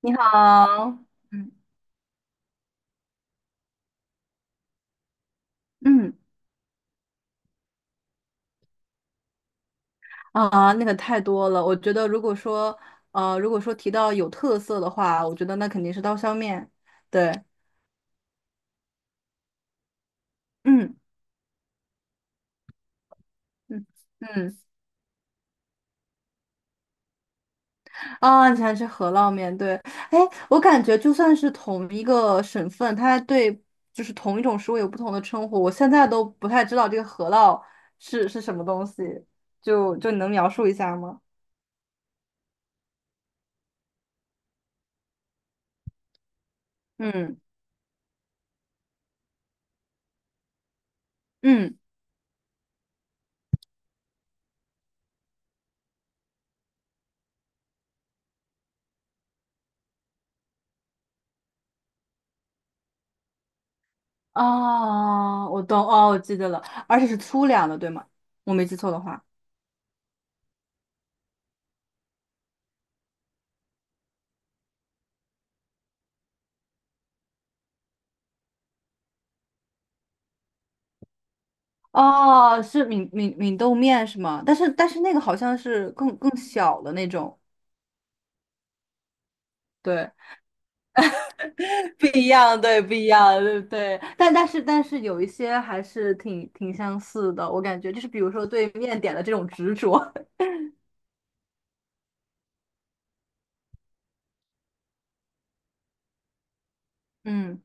你好，嗯嗯啊，那个太多了。我觉得如果说提到有特色的话，我觉得那肯定是刀削面。对，嗯嗯嗯啊，你喜欢吃饸烙面？对，哎，我感觉就算是同一个省份，它对就是同一种食物有不同的称呼。我现在都不太知道这个饸烙是什么东西，就你能描述一下吗？嗯嗯哦，我懂，哦，我记得了，而且是粗粮的，对吗？我没记错的话，哦，是闽豆面是吗？但是那个好像是更小的那种，对，不一样，对，不一样，对对，但是有一些还是挺相似的，我感觉就是比如说对面点的这种执着，嗯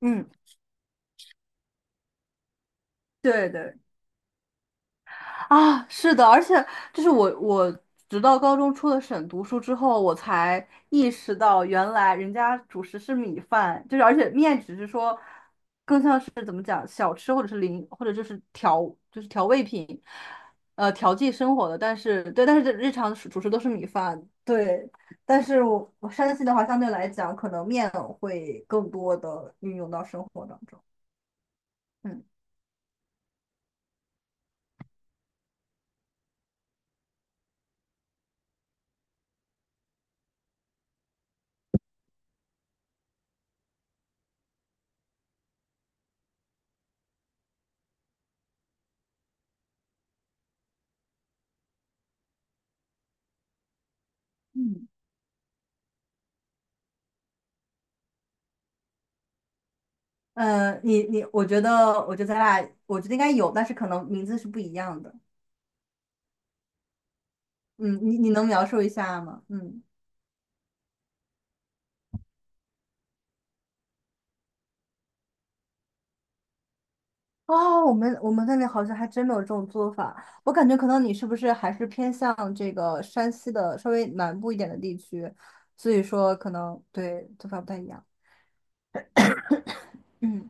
嗯，对对。啊，是的，而且就是我直到高中出了省读书之后，我才意识到，原来人家主食是米饭，就是而且面只是说，更像是怎么讲，小吃或者是零，或者就是调，就是调味品，调剂生活的。但是对，但是日常主食都是米饭，对。但是我山西的话，相对来讲，可能面会更多的运用到生活当中。嗯。嗯。嗯，你，我觉得，咱俩，我觉得应该有，但是可能名字是不一样的。嗯，你能描述一下吗？嗯，哦，我们那边好像还真没有这种做法。我感觉可能你是不是还是偏向这个山西的稍微南部一点的地区，所以说可能对做法不太一样。嗯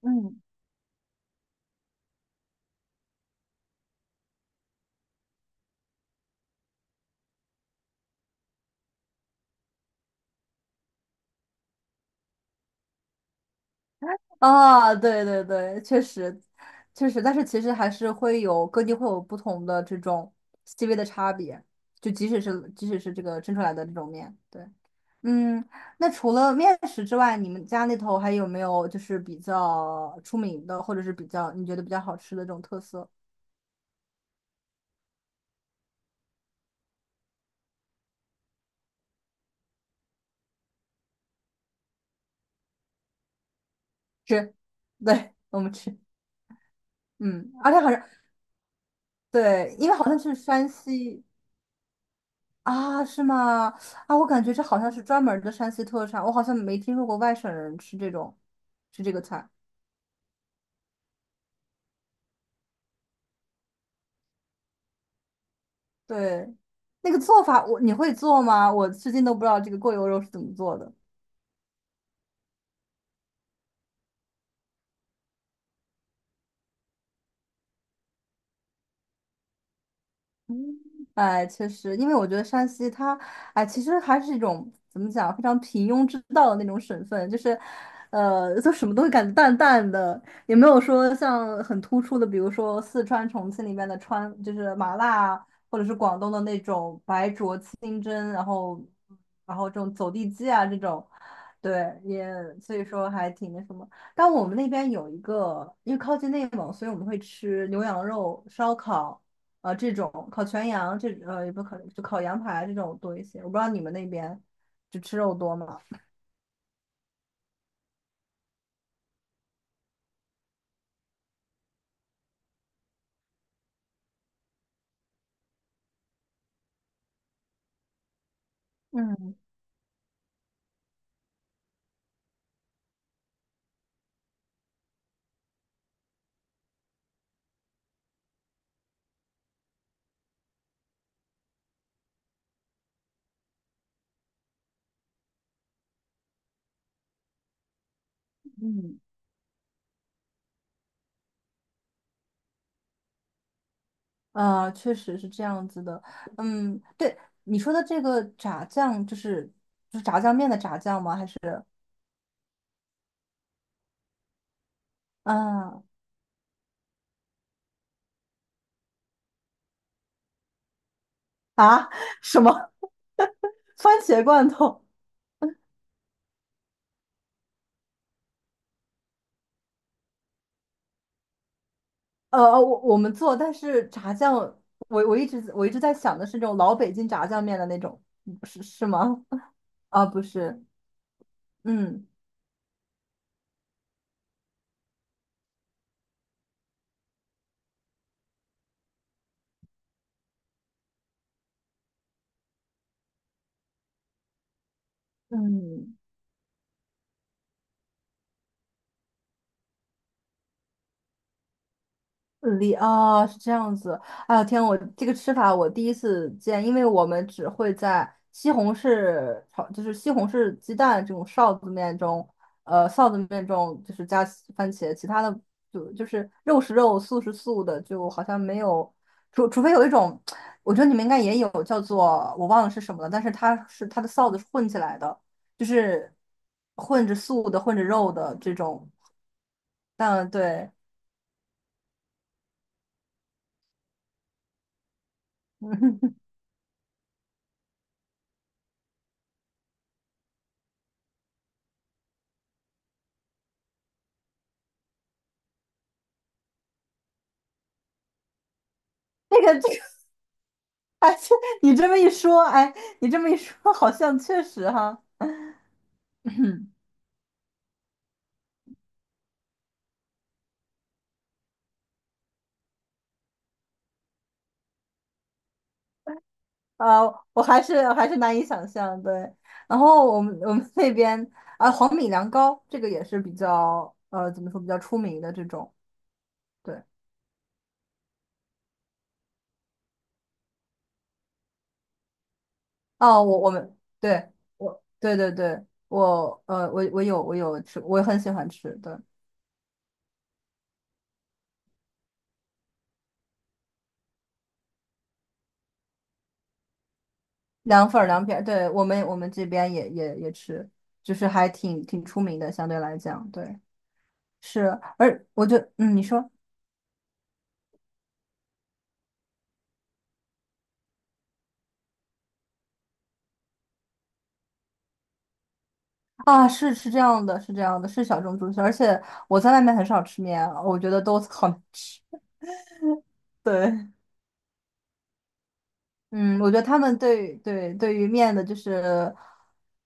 嗯，啊，对对对，确实确实，但是其实还是会有各地会有不同的这种细微的差别，就即使是这个蒸出来的这种面，对。嗯，那除了面食之外，你们家那头还有没有就是比较出名的，或者是比较你觉得比较好吃的这种特色？吃，对，我们吃，嗯，而且好像对，因为好像是山西啊，是吗？啊，我感觉这好像是专门儿的山西特产，我好像没听说过外省人吃这个菜。对，那个做法你会做吗？我至今都不知道这个过油肉是怎么做的。嗯，哎，确实，因为我觉得山西它，哎，其实还是一种怎么讲，非常平庸之道的那种省份，就是，就什么都会感觉淡淡的，也没有说像很突出的，比如说四川、重庆里面的川，就是麻辣啊，或者是广东的那种白灼清蒸，然后这种走地鸡啊这种，对，也所以说还挺那什么。但我们那边有一个，因为靠近内蒙，所以我们会吃牛羊肉烧烤。这种烤全羊也不烤就烤羊排这种多一些。我不知道你们那边就吃肉多吗？嗯嗯，啊，确实是这样子的。嗯，对，你说的这个炸酱，就是炸酱面的炸酱吗？还是啊啊 什么番茄罐头？我们做，但是炸酱，我一直在想的是那种老北京炸酱面的那种，是吗？啊，不是，嗯。嗯里啊是这样子。哎呦天，我这个吃法我第一次见，因为我们只会在西红柿炒，就是西红柿鸡蛋这种臊子面中，臊子面中就是加西番茄，其他的就是肉是肉，素是素的，就好像没有，除非有一种，我觉得你们应该也有叫做我忘了是什么了，但是它是它的臊子是混起来的，就是混着素的，混着肉的这种。嗯，对。这个这个哎，这你这么一说，哎，你这么一说，好像确实哈，啊，我还是难以想象。对，然后我们那边啊，黄米凉糕这个也是比较怎么说比较出名的这种。对，哦，我们对对对对，我有吃，我很喜欢吃。对，凉粉儿凉皮儿，对我们这边也吃，就是还挺出名的，相对来讲，对，是，而我就嗯，你说。啊，是这样的，是这样的，是小众猪蹄，而且我在外面很少吃面，我觉得都好难吃。对，嗯，我觉得他们对于面的，就是，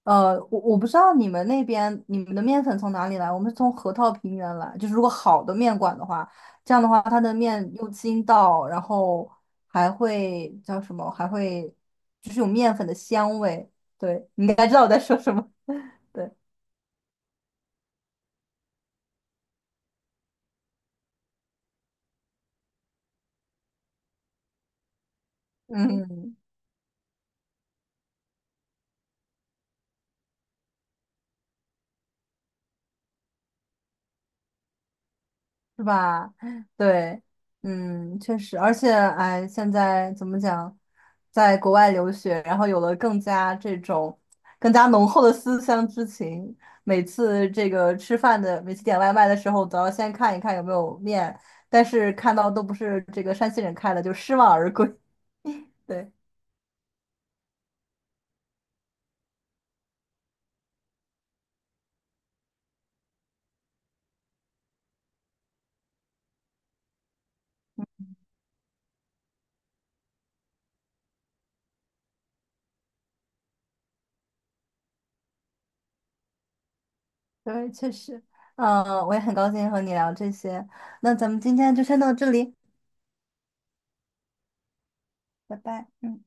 我不知道你们那边你们的面粉从哪里来，我们是从河套平原来，就是如果好的面馆的话，这样的话它的面又筋道，然后还会叫什么，还会就是有面粉的香味。对，你应该知道我在说什么。对，嗯。是吧？对，嗯，确实，而且，哎，现在怎么讲，在国外留学，然后有了更加浓厚的思乡之情。每次这个吃饭的，每次点外卖的时候，都要先看一看有没有面，但是看到都不是这个山西人开的，就失望而归。对，对，确实，嗯，我也很高兴和你聊这些。那咱们今天就先到这里，拜拜。嗯。